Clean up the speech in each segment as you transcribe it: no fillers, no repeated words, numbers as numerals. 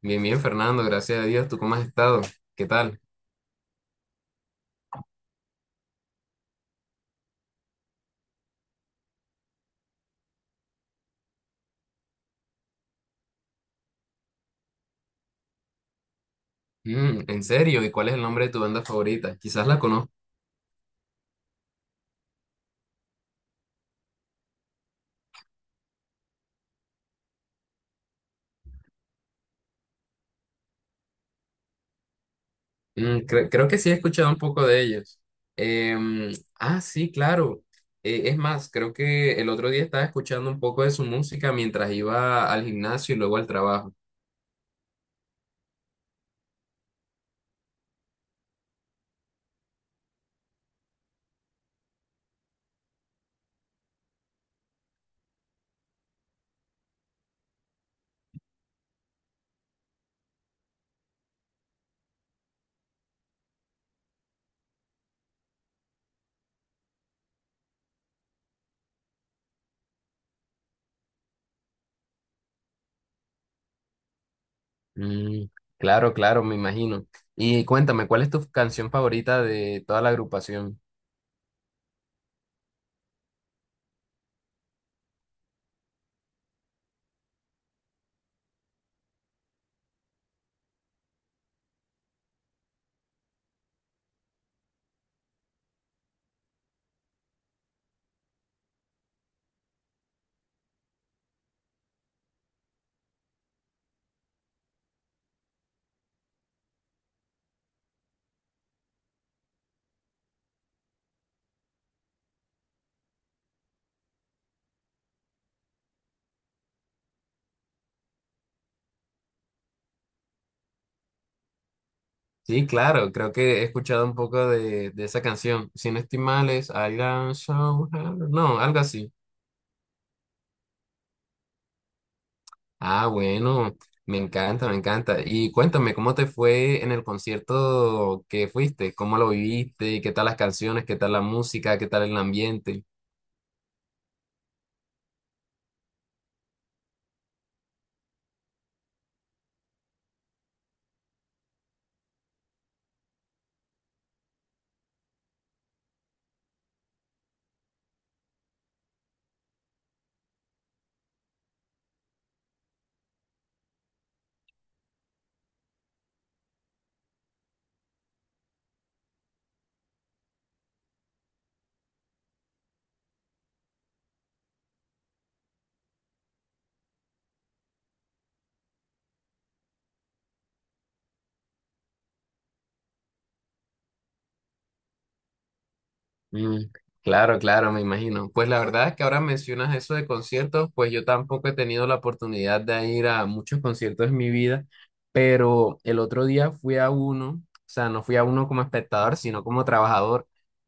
Bien, bien, Fernando, gracias a Dios. ¿Tú cómo has estado? ¿Qué tal? ¿En serio? ¿Y cuál es el nombre de tu banda favorita? Quizás la conozco. Creo que sí he escuchado un poco de ellos. Em, sí, claro. Es más, creo que el otro día estaba escuchando un poco de su música mientras iba al gimnasio y luego al trabajo. Mm, claro, claro, me imagino. Y cuéntame, ¿cuál es tu canción favorita de toda la agrupación? Sí, claro, creo que he escuchado un poco de esa canción. Si no estoy mal, es I don't show her- No, algo así. Ah, bueno, me encanta, me encanta. Y cuéntame, ¿cómo te fue en el concierto que fuiste? ¿Cómo lo viviste? ¿Qué tal las canciones? ¿Qué tal la música? ¿Qué tal el ambiente? Mm, claro, claro, me imagino. Pues la verdad es que ahora mencionas eso de conciertos, pues yo tampoco he tenido la oportunidad de ir a muchos conciertos en mi vida, pero el otro día fui a uno, o sea, no fui a uno como espectador, sino como trabajador,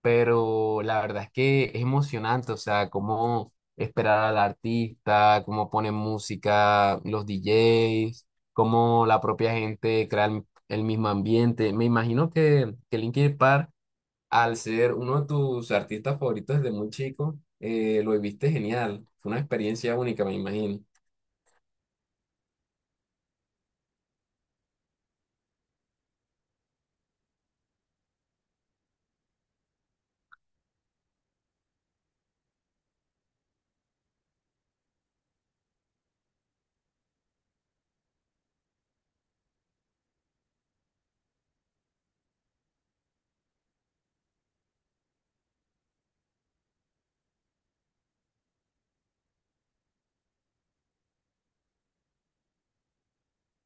pero la verdad es que es emocionante, o sea, cómo esperar al artista, cómo ponen música, los DJs, cómo la propia gente crea el mismo ambiente. Me imagino que Linkin Park al ser uno de tus artistas favoritos desde muy chico, lo viviste genial. Fue una experiencia única, me imagino.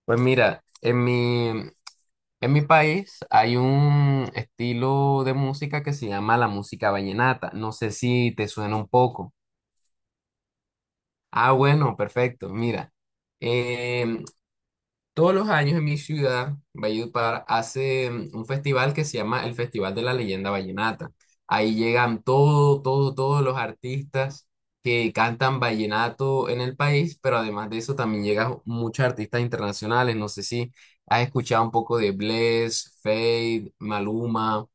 Pues mira, en mi país hay un estilo de música que se llama la música vallenata. No sé si te suena un poco. Ah, bueno, perfecto. Mira, em, todos los años en mi ciudad, Valledupar, hace un festival que se llama el Festival de la Leyenda Vallenata. Ahí llegan todos los artistas que cantan vallenato en el país, pero además de eso también llegan muchos artistas internacionales. No sé si has escuchado un poco de Bless, Fade, Maluma.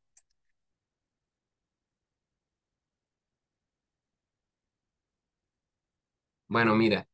Bueno, mira.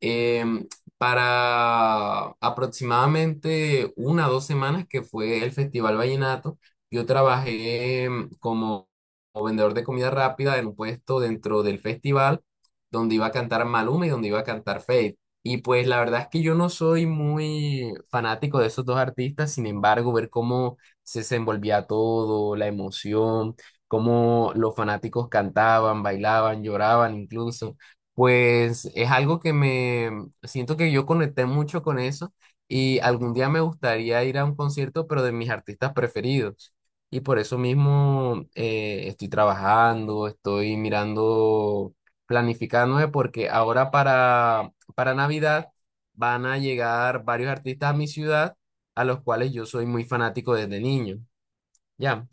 em, para aproximadamente una o dos semanas que fue el Festival Vallenato, yo trabajé como, como vendedor de comida rápida en un puesto dentro del festival donde iba a cantar Maluma y donde iba a cantar Feid. Y pues la verdad es que yo no soy muy fanático de esos dos artistas, sin embargo, ver cómo se desenvolvía todo, la emoción, cómo los fanáticos cantaban, bailaban, lloraban incluso. Pues es algo que me siento que yo conecté mucho con eso y algún día me gustaría ir a un concierto, pero de mis artistas preferidos. Y por eso mismo estoy trabajando, estoy mirando, planificándome, porque ahora para Navidad van a llegar varios artistas a mi ciudad, a los cuales yo soy muy fanático desde niño. ¿Ya?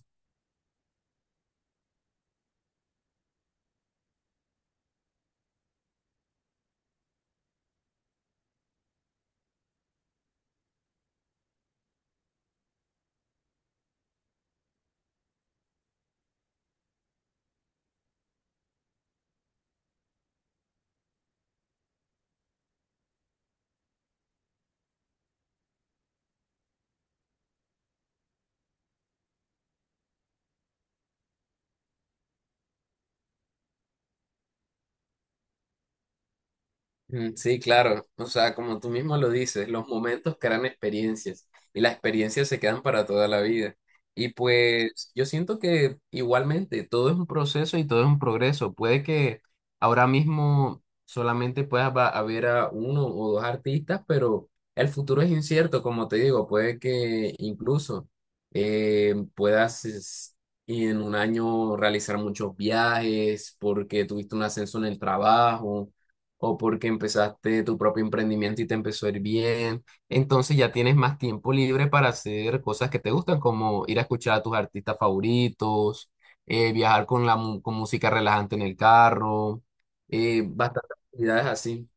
Sí, claro. O sea, como tú mismo lo dices, los momentos crean experiencias y las experiencias se quedan para toda la vida. Y pues yo siento que igualmente todo es un proceso y todo es un progreso. Puede que ahora mismo solamente a ver a uno o dos artistas, pero el futuro es incierto, como te digo. Puede que incluso eh, puedas es- y en un año realizar muchos viajes porque tuviste un ascenso en el trabajo o porque empezaste tu propio emprendimiento y te empezó a ir bien. Entonces ya tienes más tiempo libre para hacer cosas que te gustan, como ir a escuchar a tus artistas favoritos, viajar con la con música relajante en el carro, bastantes actividades así.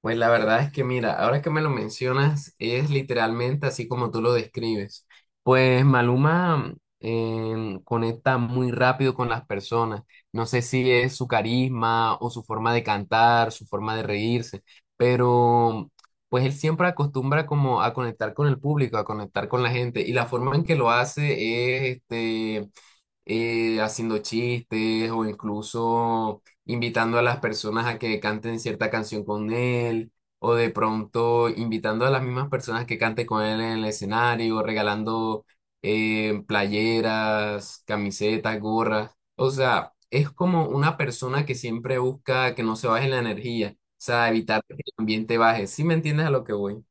Pues la verdad es que mira, ahora que me lo mencionas, es literalmente así como tú lo describes. Pues Maluma conecta muy rápido con las personas. No sé si es su carisma o su forma de cantar, su forma de reírse, pero pues él siempre acostumbra como a conectar con el público, a conectar con la gente. Y la forma en que lo hace es este, haciendo chistes o incluso invitando a las personas a que canten cierta canción con él, o de pronto invitando a las mismas personas que canten con él en el escenario, regalando playeras, camisetas, gorras. O sea, es como una persona que siempre busca que no se baje la energía, o sea, evitar que el ambiente baje. ¿Sí me entiendes a lo que voy?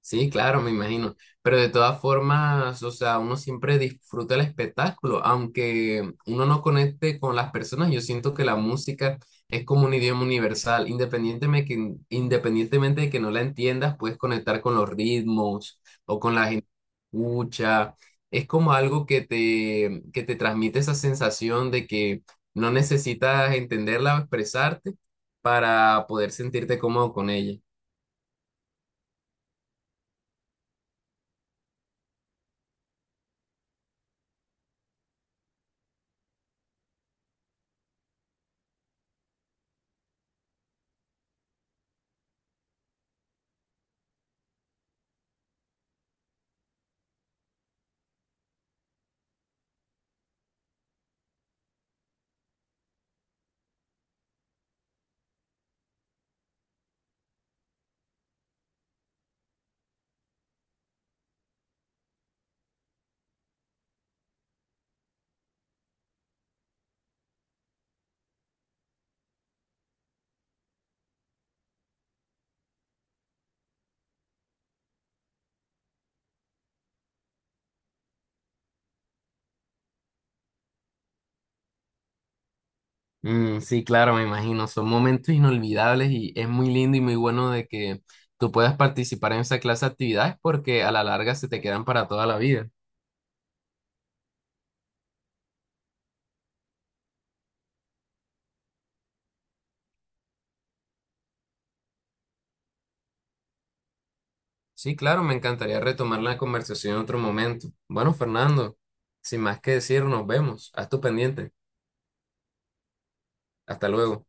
Sí, claro, me imagino. Pero de todas formas, o sea, uno siempre disfruta el espectáculo, aunque uno no conecte con las personas, yo siento que la música es como un idioma universal, independientemente de que no la entiendas, puedes conectar con los ritmos o con la gente que escucha. Es como algo que que te transmite esa sensación de que no necesitas entenderla o expresarte para poder sentirte cómodo con ella. Sí, claro, me imagino. Son momentos inolvidables y es muy lindo y muy bueno de que tú puedas participar en esa clase de actividades porque a la larga se te quedan para toda la vida. Sí, claro, me encantaría retomar la conversación en otro momento. Bueno, Fernando, sin más que decir, nos vemos. Haz tu pendiente. Hasta luego.